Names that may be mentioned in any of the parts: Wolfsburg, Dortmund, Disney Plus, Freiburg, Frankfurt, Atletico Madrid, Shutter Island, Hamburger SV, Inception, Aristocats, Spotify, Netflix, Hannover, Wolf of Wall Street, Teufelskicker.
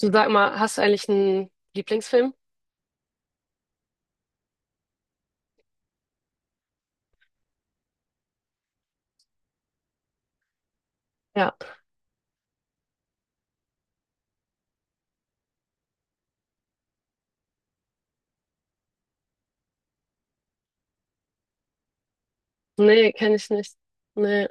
Du sag mal, hast du eigentlich einen Lieblingsfilm? Ja. Nee, kenne ich nicht. Nee.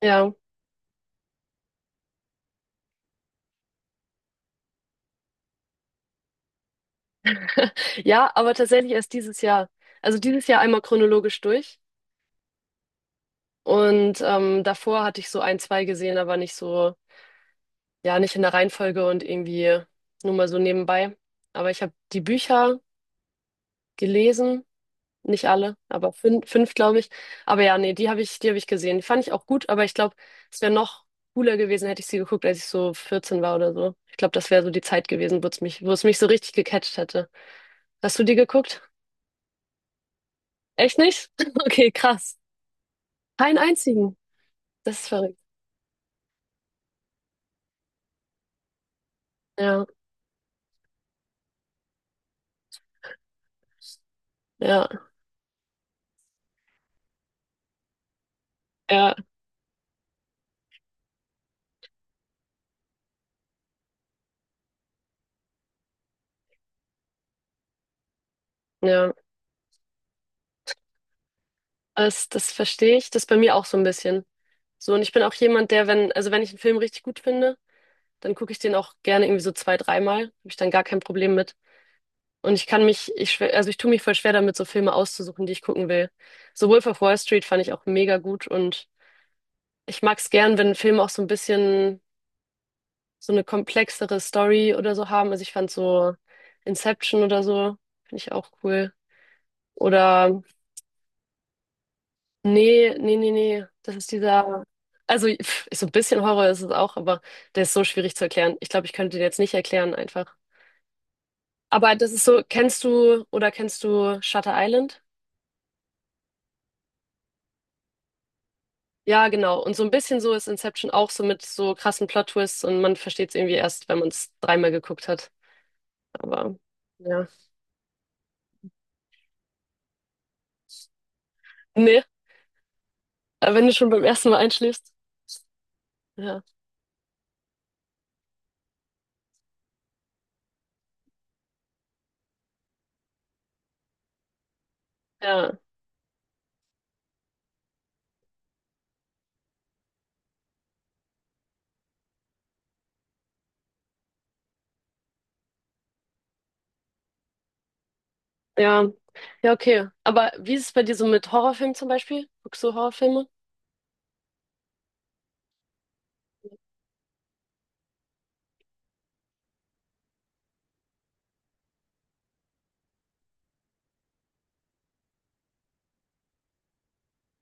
Ja. Ja, aber tatsächlich erst dieses Jahr. Also dieses Jahr einmal chronologisch durch. Und davor hatte ich so ein, zwei gesehen, aber nicht so, ja, nicht in der Reihenfolge und irgendwie nur mal so nebenbei. Aber ich habe die Bücher gelesen. Nicht alle, aber fünf glaube ich. Aber ja, nee, die habe ich gesehen. Die fand ich auch gut, aber ich glaube, es wäre noch cooler gewesen, hätte ich sie geguckt, als ich so 14 war oder so. Ich glaube, das wäre so die Zeit gewesen, wo es mich so richtig gecatcht hätte. Hast du die geguckt? Echt nicht? Okay, krass. Keinen einzigen. Das ist verrückt. Ja, ja, ja, ja. Das verstehe ich. Das ist bei mir auch so ein bisschen. So, und ich bin auch jemand, der, wenn, also wenn ich einen Film richtig gut finde, dann gucke ich den auch gerne irgendwie so zwei, dreimal. Habe ich dann gar kein Problem mit. Und ich kann mich, ich, schw- also ich tue mich voll schwer damit, so Filme auszusuchen, die ich gucken will. So Wolf of Wall Street fand ich auch mega gut und ich mag es gern, wenn Filme auch so ein bisschen so eine komplexere Story oder so haben. Also ich fand so Inception oder so, finde ich auch cool. Oder nee, nee, nee, nee, das ist dieser, also pff, so ein bisschen Horror ist es auch, aber der ist so schwierig zu erklären. Ich glaube, ich könnte den jetzt nicht erklären einfach. Aber das ist so, kennst du Shutter Island? Ja, genau. Und so ein bisschen so ist Inception auch so mit so krassen Plot-Twists und man versteht es irgendwie erst, wenn man es dreimal geguckt hat. Aber ja. Nee, aber wenn du schon beim ersten Mal einschläfst. Ja. Ja. Ja. Ja, okay. Aber wie ist es bei dir so mit Horrorfilmen zum Beispiel? Guckst du Horrorfilme?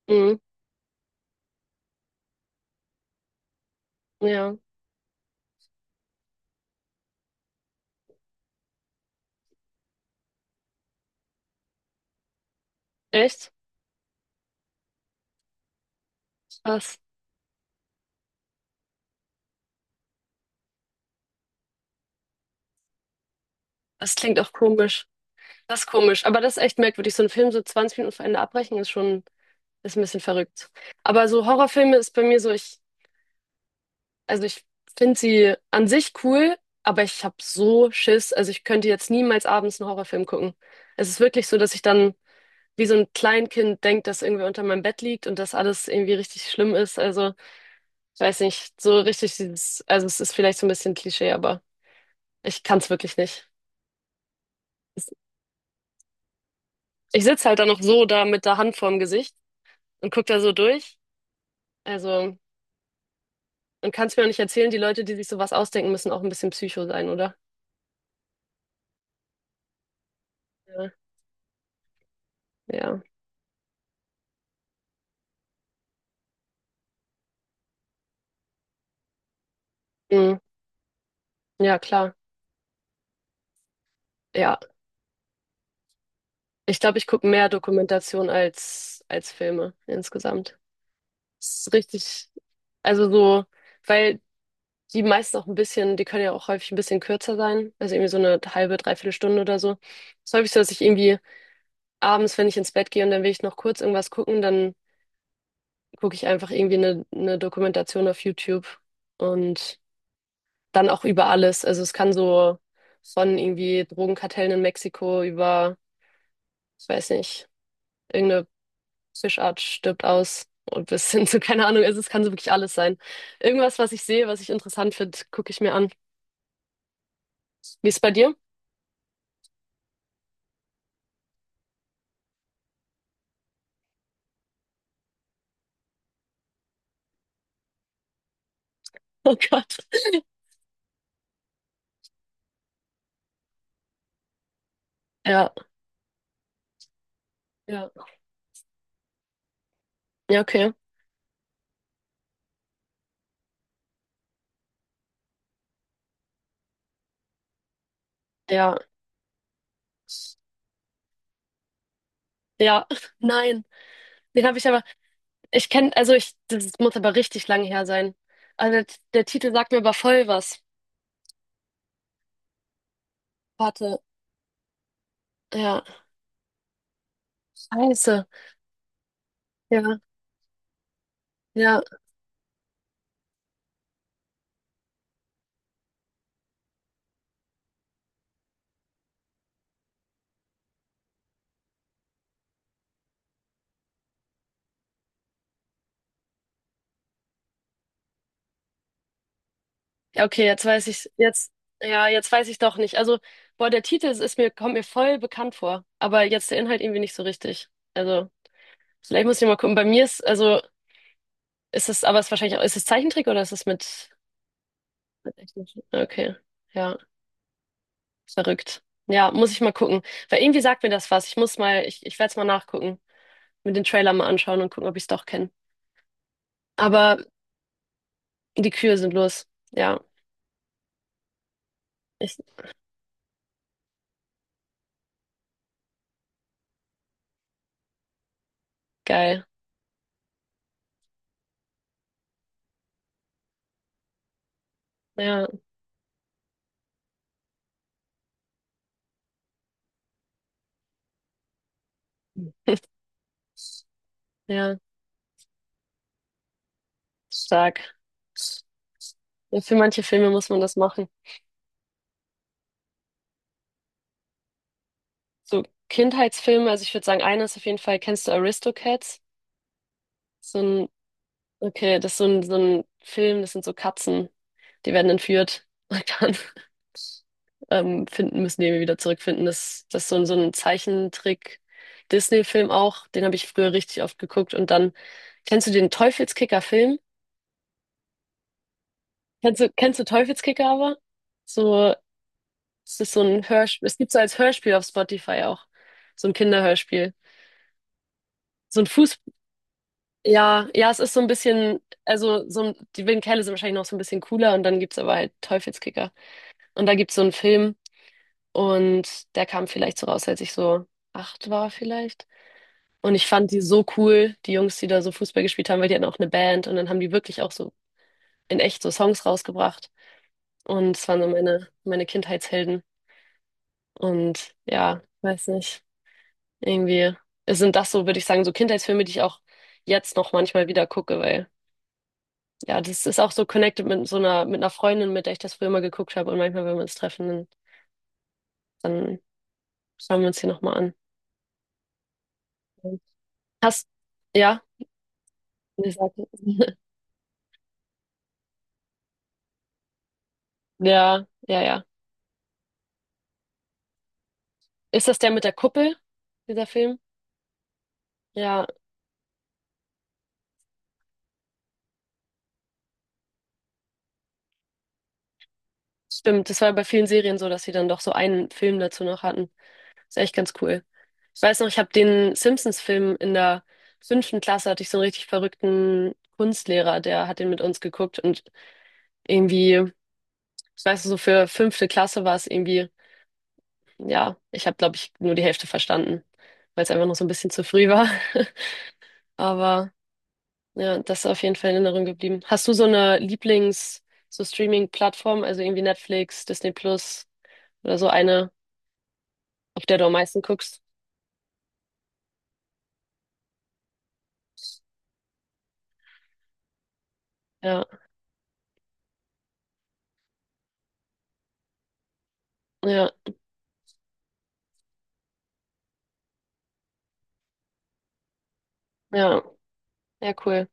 Mhm. Ja. Echt? Was? Das klingt auch komisch. Das ist komisch. Aber das ist echt merkwürdig. So einen Film so 20 Minuten vor Ende abbrechen ist schon, ist ein bisschen verrückt. Aber so Horrorfilme ist bei mir so, ich Also ich finde sie an sich cool, aber ich habe so Schiss. Also ich könnte jetzt niemals abends einen Horrorfilm gucken. Es ist wirklich so, dass ich dann wie so ein Kleinkind denke, dass irgendwie unter meinem Bett liegt und dass alles irgendwie richtig schlimm ist. Also ich weiß nicht, so richtig dieses, also es ist vielleicht so ein bisschen Klischee, aber ich kann es wirklich nicht. Es- Ich sitze halt dann noch so da mit der Hand vorm Gesicht und gucke da so durch. Also und kann es mir auch nicht erzählen, die Leute, die sich sowas ausdenken, müssen auch ein bisschen Psycho sein, oder? Ja. Ja, Mm. Ja, klar. Ja. Ich glaube, ich gucke mehr Dokumentation als Filme insgesamt. Das ist richtig, also so, weil die meisten auch ein bisschen, die können ja auch häufig ein bisschen kürzer sein, also irgendwie so eine halbe, dreiviertel Stunde oder so. Es ist häufig so, dass ich irgendwie abends, wenn ich ins Bett gehe und dann will ich noch kurz irgendwas gucken, dann gucke ich einfach irgendwie eine Dokumentation auf YouTube und dann auch über alles. Also es kann so von irgendwie Drogenkartellen in Mexiko über, ich weiß nicht, irgendeine Fischart stirbt aus und bis hin zu, keine Ahnung, also es kann so wirklich alles sein. Irgendwas, was ich sehe, was ich interessant finde, gucke ich mir an. Wie ist es bei dir? Oh Gott. Ja, ja, ja, okay. Ja, ja, nein. Den habe ich aber, ich kenne, also ich, das muss aber richtig lange her sein. Also der Titel sagt mir aber voll was. Warte, ja, scheiße. Ja, ja. Ja, okay, jetzt weiß ich, jetzt, ja, jetzt weiß ich doch nicht. Also, boah, der Titel kommt mir voll bekannt vor, aber jetzt der Inhalt irgendwie nicht so richtig. Also, vielleicht muss ich mal gucken. Bei mir ist, also, ist es, aber es ist wahrscheinlich auch, ist es Zeichentrick oder ist es mit echten? Okay, ja, verrückt. Ja, muss ich mal gucken. Weil irgendwie sagt mir das was. Ich werde es mal nachgucken, mit den Trailer mal anschauen und gucken, ob ich es doch kenne. Aber die Kühe sind los. Ja, ich, geil. Ja, ja. Stark. Ja, für manche Filme muss man das machen. So Kindheitsfilme, also ich würde sagen, einer ist auf jeden Fall, kennst du Aristocats? So ein, okay, das ist so ein Film, das sind so Katzen, die werden entführt und dann müssen die irgendwie wieder zurückfinden. Das ist so ein Zeichentrick-Disney-Film auch, den habe ich früher richtig oft geguckt. Und dann, kennst du den Teufelskicker-Film? Kennst du Teufelskicker aber? So Es ist so ein Hörspiel, es gibt so als Hörspiel auf Spotify auch. So ein Kinderhörspiel. So ein Fuß, ja, ja, es ist so ein bisschen, also so ein, die Vin Kerle sind wahrscheinlich noch so ein bisschen cooler und dann gibt's aber halt Teufelskicker. Und da gibt's so einen Film und der kam vielleicht so raus, als ich so 8 war vielleicht. Und ich fand die so cool, die Jungs, die da so Fußball gespielt haben, weil die hatten auch eine Band und dann haben die wirklich auch so in echt so Songs rausgebracht. Und es waren so meine Kindheitshelden. Und ja, weiß nicht. Irgendwie es sind das so, würde ich sagen, so Kindheitsfilme, die ich auch jetzt noch manchmal wieder gucke, weil ja, das ist auch so connected mit so einer, mit einer Freundin, mit der ich das früher immer geguckt habe. Und manchmal, wenn wir uns treffen, dann schauen wir uns die nochmal an. Hast, ja? Nee, sag- Ja, ja, ja. Ist das der mit der Kuppel, dieser Film? Ja, stimmt. Das war bei vielen Serien so, dass sie dann doch so einen Film dazu noch hatten. Ist echt ganz cool. Ich weiß noch, ich habe den Simpsons-Film in der fünften Klasse, hatte ich so einen richtig verrückten Kunstlehrer, der hat den mit uns geguckt und irgendwie, ich weiß noch, so für fünfte Klasse war es irgendwie, ja, ich habe, glaube ich, nur die Hälfte verstanden, weil es einfach noch so ein bisschen zu früh war. Aber ja, das ist auf jeden Fall in Erinnerung geblieben. Hast du so eine Lieblings-, so Streaming-Plattform, also irgendwie Netflix, Disney Plus oder so eine, auf der du am meisten guckst? Ja, ja, ja, ja, cool.